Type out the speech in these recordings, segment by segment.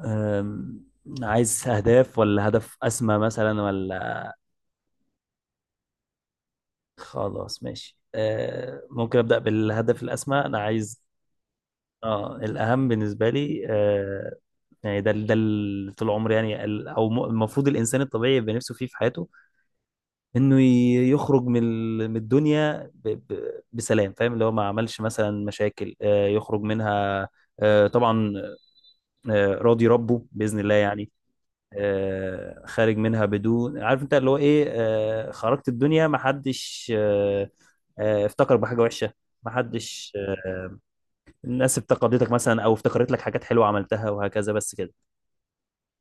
أم، عايز أهداف ولا هدف أسمى مثلا ولا خلاص ماشي. ممكن أبدأ بالهدف الأسمى. أنا عايز اه الأهم بالنسبة لي، يعني ده اللي طول عمري، يعني المفروض الإنسان الطبيعي يبقى نفسه فيه في حياته إنه يخرج من من الدنيا بسلام، فاهم، اللي هو ما عملش مثلا مشاكل، يخرج منها، طبعا، راضي ربه بإذن الله يعني. خارج منها بدون، عارف انت اللي هو ايه، خرجت الدنيا ما حدش افتكر بحاجه وحشه، ما حدش، الناس افتقدتك مثلا او افتكرت لك حاجات حلوه عملتها وهكذا، بس كده،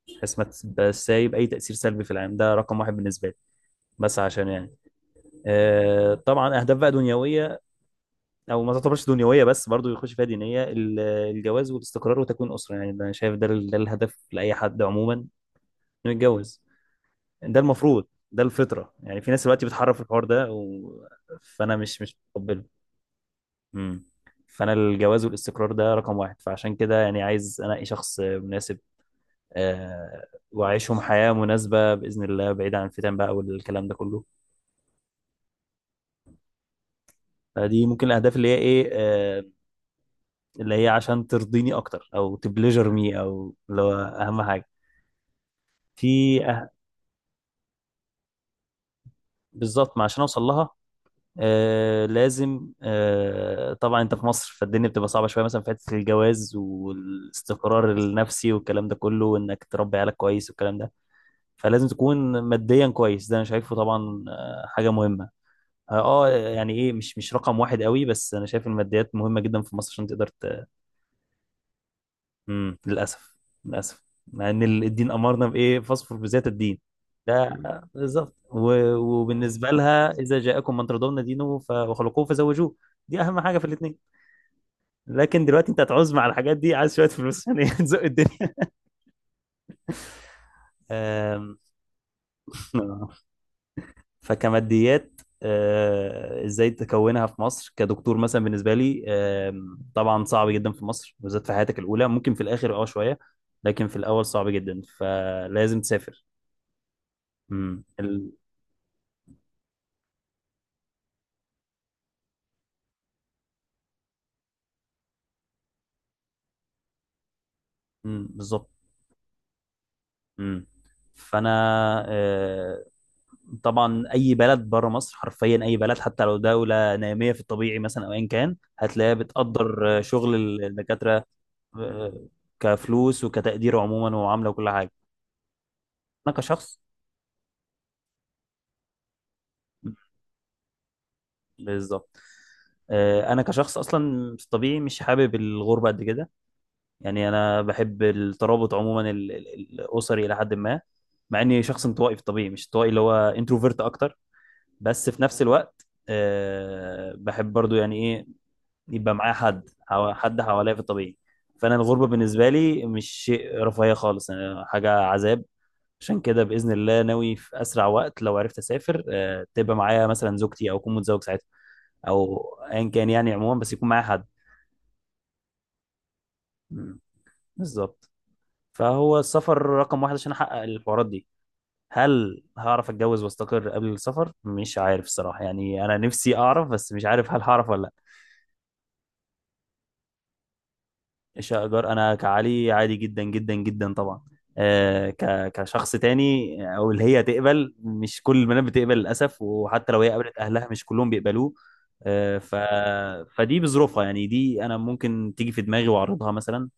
بحيث ما تبقاش سايب اي تاثير سلبي في العالم. ده رقم واحد بالنسبه لي. بس عشان يعني، طبعا اهداف بقى دنيويه، او ما تعتبرش دنيويه بس برضو يخش فيها دينيه، الجواز والاستقرار وتكوين اسره. يعني ده انا شايف ده ده الهدف لاي حد عموما، انه يتجوز. ده المفروض ده الفطرة. يعني في ناس دلوقتي بتحرف الحوار ده و... فأنا مش متقبله. امم فأنا الجواز والاستقرار ده رقم واحد، فعشان كده يعني عايز أنقي شخص مناسب، آه، وأعيشهم حياة مناسبة بإذن الله، بعيد عن الفتن بقى والكلام ده كله. فدي ممكن الأهداف اللي هي إيه، آه، اللي هي عشان ترضيني أكتر أو تبليجر مي، أو اللي هو أهم حاجة في بالظبط، ما عشان أوصل لها آه لازم آه طبعا، انت في مصر، فالدنيا بتبقى صعبة شوية مثلا في حتة الجواز والاستقرار النفسي والكلام ده كله، وانك تربي عيالك كويس والكلام ده. فلازم تكون ماديا كويس، ده انا شايفه طبعا آه حاجة مهمة. اه آه، يعني ايه، مش رقم واحد قوي، بس انا شايف الماديات مهمة جدا في مصر عشان تقدر. للاسف، للاسف مع ان الدين امرنا بايه، فاصفر بذات الدين. ده بالظبط، وبالنسبه لها، اذا جاءكم من ترضون دينه وخلقوه فزوجوه. دي اهم حاجه في الاثنين. لكن دلوقتي انت هتعوز، مع الحاجات دي عايز شويه فلوس يعني، تزق الدنيا. آم، فكماديات، آه، ازاي تكونها في مصر كدكتور مثلا، بالنسبه لي آم، طبعا صعب جدا في مصر بالذات، في حياتك الاولى، ممكن في الاخر اه شويه، لكن في الاول صعب جدا، فلازم تسافر. امم ال... مم، بالظبط. امم فانا آه، طبعا اي بلد بره مصر، حرفيا اي بلد، حتى لو دوله ناميه في الطبيعي مثلا او ايا كان، هتلاقيها بتقدر آه، شغل الدكاتره، آه، كفلوس وكتقدير عموما ومعامله وكل حاجه. انا كشخص، مم، بالظبط، آه، انا كشخص اصلا في الطبيعي مش حابب الغربه قد كده. يعني انا بحب الترابط عموما، الاسري الى حد ما، مع اني شخص انطوائي في الطبيعي، مش انطوائي اللي هو انتروفيرت اكتر، بس في نفس الوقت آه، بحب برضو يعني ايه، يبقى معايا حد حد حواليا في الطبيعي. فانا الغربه بالنسبه لي مش شيء رفاهيه خالص، أنا حاجه عذاب. عشان كده باذن الله ناوي في اسرع وقت لو عرفت اسافر، آه، تبقى معايا مثلا زوجتي، او اكون متزوج ساعتها، او ايا كان يعني عموما، بس يكون معايا حد. مم. بالظبط، فهو السفر رقم واحد عشان احقق الحوارات دي. هل هعرف اتجوز واستقر قبل السفر؟ مش عارف الصراحه، يعني انا نفسي اعرف بس مش عارف هل هعرف ولا. شجر انا كعلي عادي جدا جدا جدا طبعا، آه، كشخص تاني او اللي هي تقبل، مش كل البنات بتقبل للاسف، وحتى لو هي قابلت، اهلها مش كلهم بيقبلوه. آه، ف فدي بظروفها، يعني دي انا ممكن تيجي في دماغي واعرضها مثلا،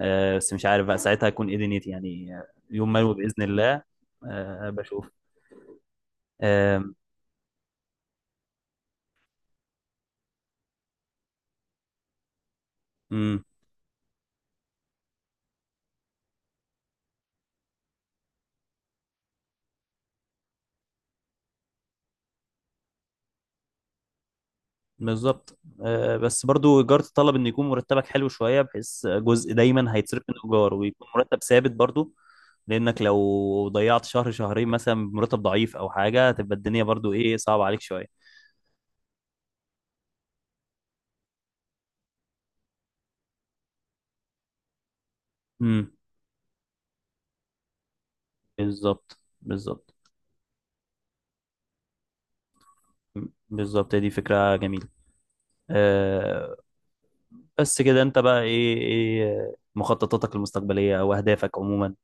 آه، بس مش عارف بقى ساعتها اكون ايه دنيتي، يعني آه، يوم ما يبقى باذن الله آه بشوف. آه بالظبط، آه، بس برضو ايجار تطلب ان يكون مرتبك حلو شويه، بحيث جزء دايما هيتصرف من الايجار، ويكون مرتب ثابت برضو، لانك لو ضيعت شهر شهرين مثلا بمرتب ضعيف او حاجه، هتبقى الدنيا برضو ايه صعبه عليك شويه. امم بالظبط بالظبط، دي فكره جميله. أه، بس كده انت بقى ايه، ايه مخططاتك المستقبليه او اهدافك عموما؟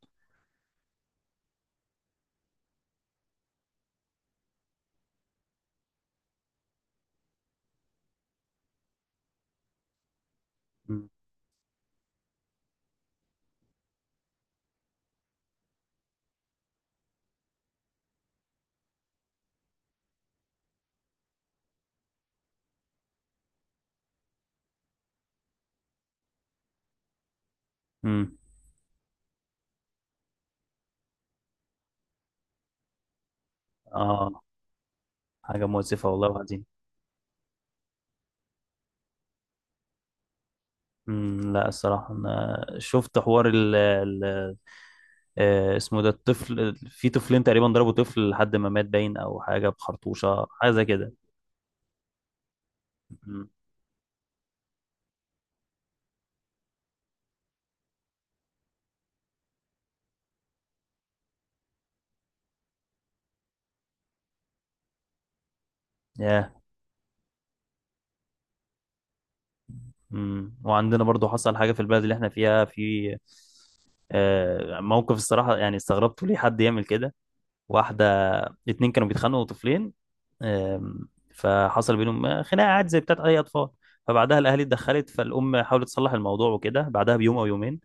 امم. أمم. اه، حاجه مؤسفه والله وحزينه. لا الصراحه انا شفت حوار آه، اسمه، ده الطفل، في طفلين تقريبا ضربوا طفل لحد ما مات باين، او حاجه بخرطوشه حاجه زي كده. مم. ياه. وعندنا برضو حصل حاجه في البلد اللي احنا فيها، في آه، موقف الصراحه يعني استغربت ليه حد يعمل كده. واحده، اتنين كانوا بيتخانقوا، طفلين، آم، فحصل بينهم آه، خناقه عادي زي بتاعت اي اطفال، فبعدها الاهالي اتدخلت، فالام حاولت تصلح الموضوع وكده، بعدها بيوم او يومين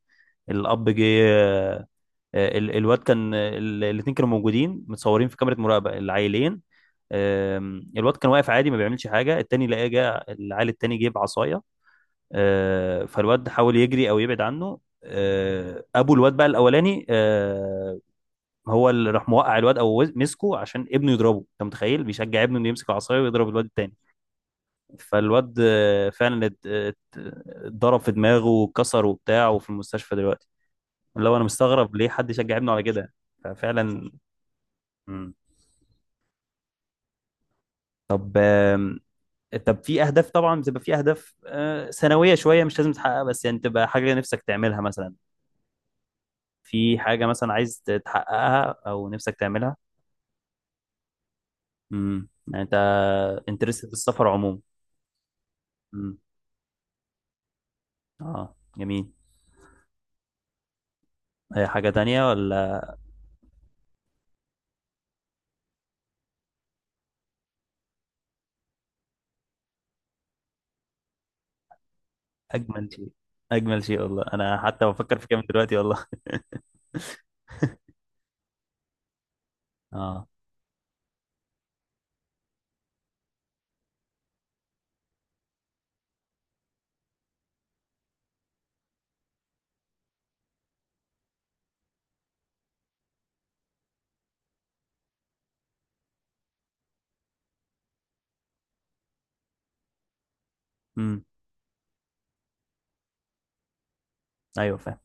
الاب جه، آه، الواد كان، الاثنين كانوا موجودين متصورين في كاميرا مراقبه العيلين، آم، الواد كان واقف عادي ما بيعملش حاجه، التاني لقاه جه، العيل التاني جه بعصايه، آه، فالواد حاول يجري او يبعد عنه، آه، ابو الواد بقى الاولاني، آه، هو اللي راح موقع الواد، او مسكه عشان ابنه يضربه. انت متخيل، بيشجع ابنه انه يمسك العصايه ويضرب الواد التاني. فالواد آه، فعلا اتضرب في دماغه واتكسر وبتاع، وفي المستشفى دلوقتي. اللي هو انا مستغرب ليه حد يشجع ابنه على كده. ففعلا. مم. طب آم، طب في اهداف طبعا، بتبقى في اهداف آه، سنويه شويه، مش لازم تحققها، بس يعني تبقى حاجه نفسك تعملها مثلا. في حاجه مثلا عايز تحققها او نفسك تعملها؟ يعني انت انترست في السفر عموما. امم، اه، جميل. هي حاجه تانية ولا؟ اجمل شيء، اجمل شيء والله، انا حتى بفكر في كام دلوقتي والله. اه. امم، ايوه فاهم،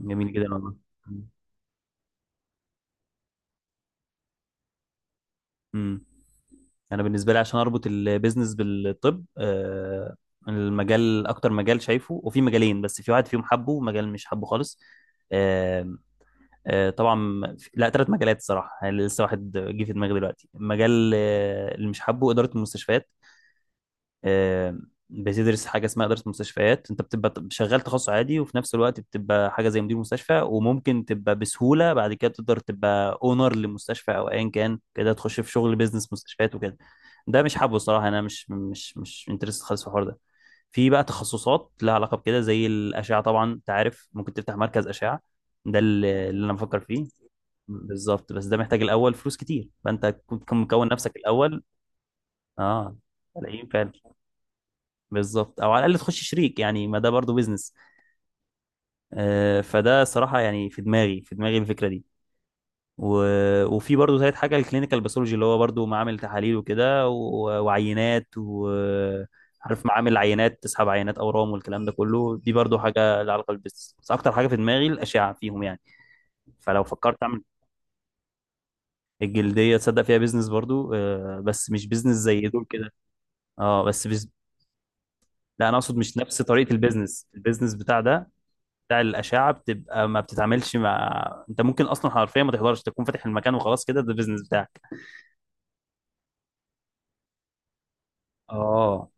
جميل جدا والله. امم، انا بالنسبه لي عشان اربط البيزنس بالطب، آه، المجال اكتر مجال شايفه، وفي مجالين بس، في واحد فيهم حبه ومجال مش حبه خالص، آه، آه، طبعا في- لا، ثلاث مجالات الصراحه، يعني لسه واحد جه في دماغي دلوقتي، مجال آه، اللي مش حبه اداره المستشفيات، آه، بتدرس حاجه اسمها اداره مستشفيات، انت بتبقى شغال تخصص عادي، وفي نفس الوقت بتبقى حاجه زي مدير مستشفى، وممكن تبقى بسهوله بعد كده تقدر تبقى اونر لمستشفى، او ايا كان كده تخش في شغل بيزنس مستشفيات وكده. ده مش حابه الصراحه، انا مش انترست خالص في الحوار ده. في بقى تخصصات لها علاقه بكده زي الاشعه، طبعا انت عارف ممكن تفتح مركز اشعه، ده اللي انا بفكر فيه. بالظبط، بس ده محتاج الاول فلوس كتير، فانت كنت مكون نفسك الاول. اه، ملايين فعلا، بالظبط، او على الاقل تخش شريك، يعني ما ده برضو بيزنس. آه، فده صراحه يعني في دماغي الفكره دي، و... وفي برضو ثالث حاجه، الكلينيكال باثولوجي، اللي هو برضو معامل تحاليل وكده و... وعينات، وعارف معامل عينات تسحب عينات اورام والكلام ده كله، دي برضو حاجه لها علاقه بالبيزنس، بس اكتر حاجه في دماغي الاشعه فيهم يعني. فلو فكرت اعمل الجلديه، تصدق فيها بيزنس برضو آه، بس مش بيزنس زي دول كده. اه، بس لا، انا اقصد مش نفس طريقه البيزنس، البيزنس بتاع ده، بتاع الاشعه، بتبقى ما بتتعاملش مع، انت ممكن اصلا حرفيا ما تحضرش، تكون فاتح المكان وخلاص كده، ده البيزنس بتاعك. اه.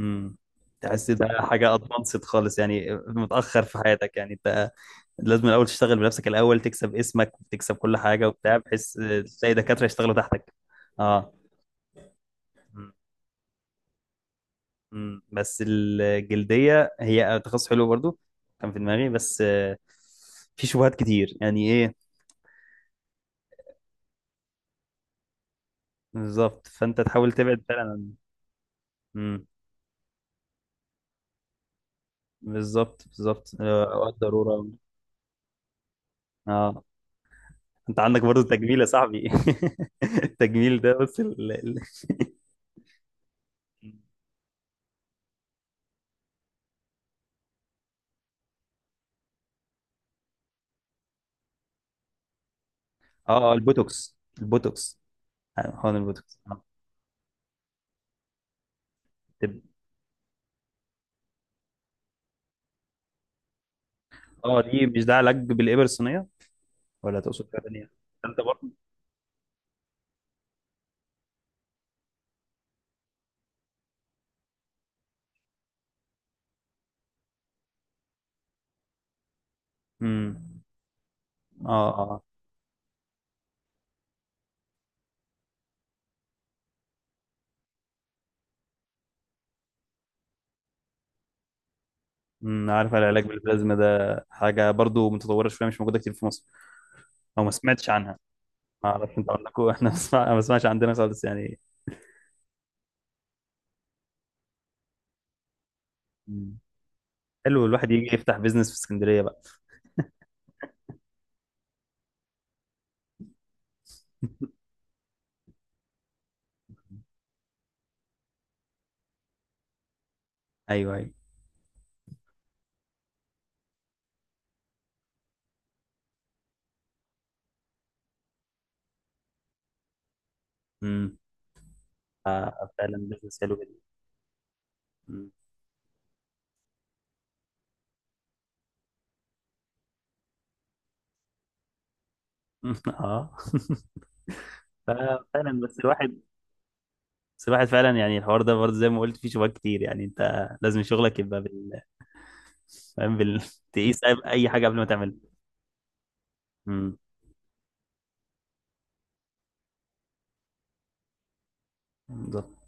امم، تحس ده حاجه ادفانسد خالص، يعني متاخر في حياتك يعني انت لازم الاول تشتغل بنفسك الاول، تكسب اسمك وتكسب كل حاجه وبتاع، بحيث تلاقي دكاتره يشتغلوا تحتك. اه. مم. بس الجلديه هي تخصص حلو برضو، كان في دماغي، بس آه، في شبهات كتير يعني ايه. بالظبط، فانت تحاول تبعد. فعلا، بالظبط، آه، اوقات ضروره. اه، انت عندك برضو التجميل يا صاحبي، التجميل ده بص ال... ال... اه، آه، البوتوكس. هون البوتوكس، اه. طب- آه، دي مش ده علاج بالابر الصينيه؟ ولا تقصد حاجه ثانيه؟ انت برضو. امم، اه اه. امم، عارف العلاج بالبلازما ده حاجه برضو متطوره شويه، مش موجوده كتير في مصر او ما سمعتش عنها. ما اعرفش انت عندكم، احنا ما بسمعش عندنا خالص يعني. مم. حلو الواحد يجي يفتح بيزنس في اسكندريه بقى. ايوه ايوه. امم، آه، فعلا بزنس حلو جدا. مم. اه. ففعلا بس الواحد، بس الواحد فعلا يعني الحوار ده برضه زي ما قلت فيه شباك كتير، يعني انت لازم شغلك يبقى بال، فاهم، بال، تقيس اي أي حاجه قبل ما تعملها. امم، بالظبط.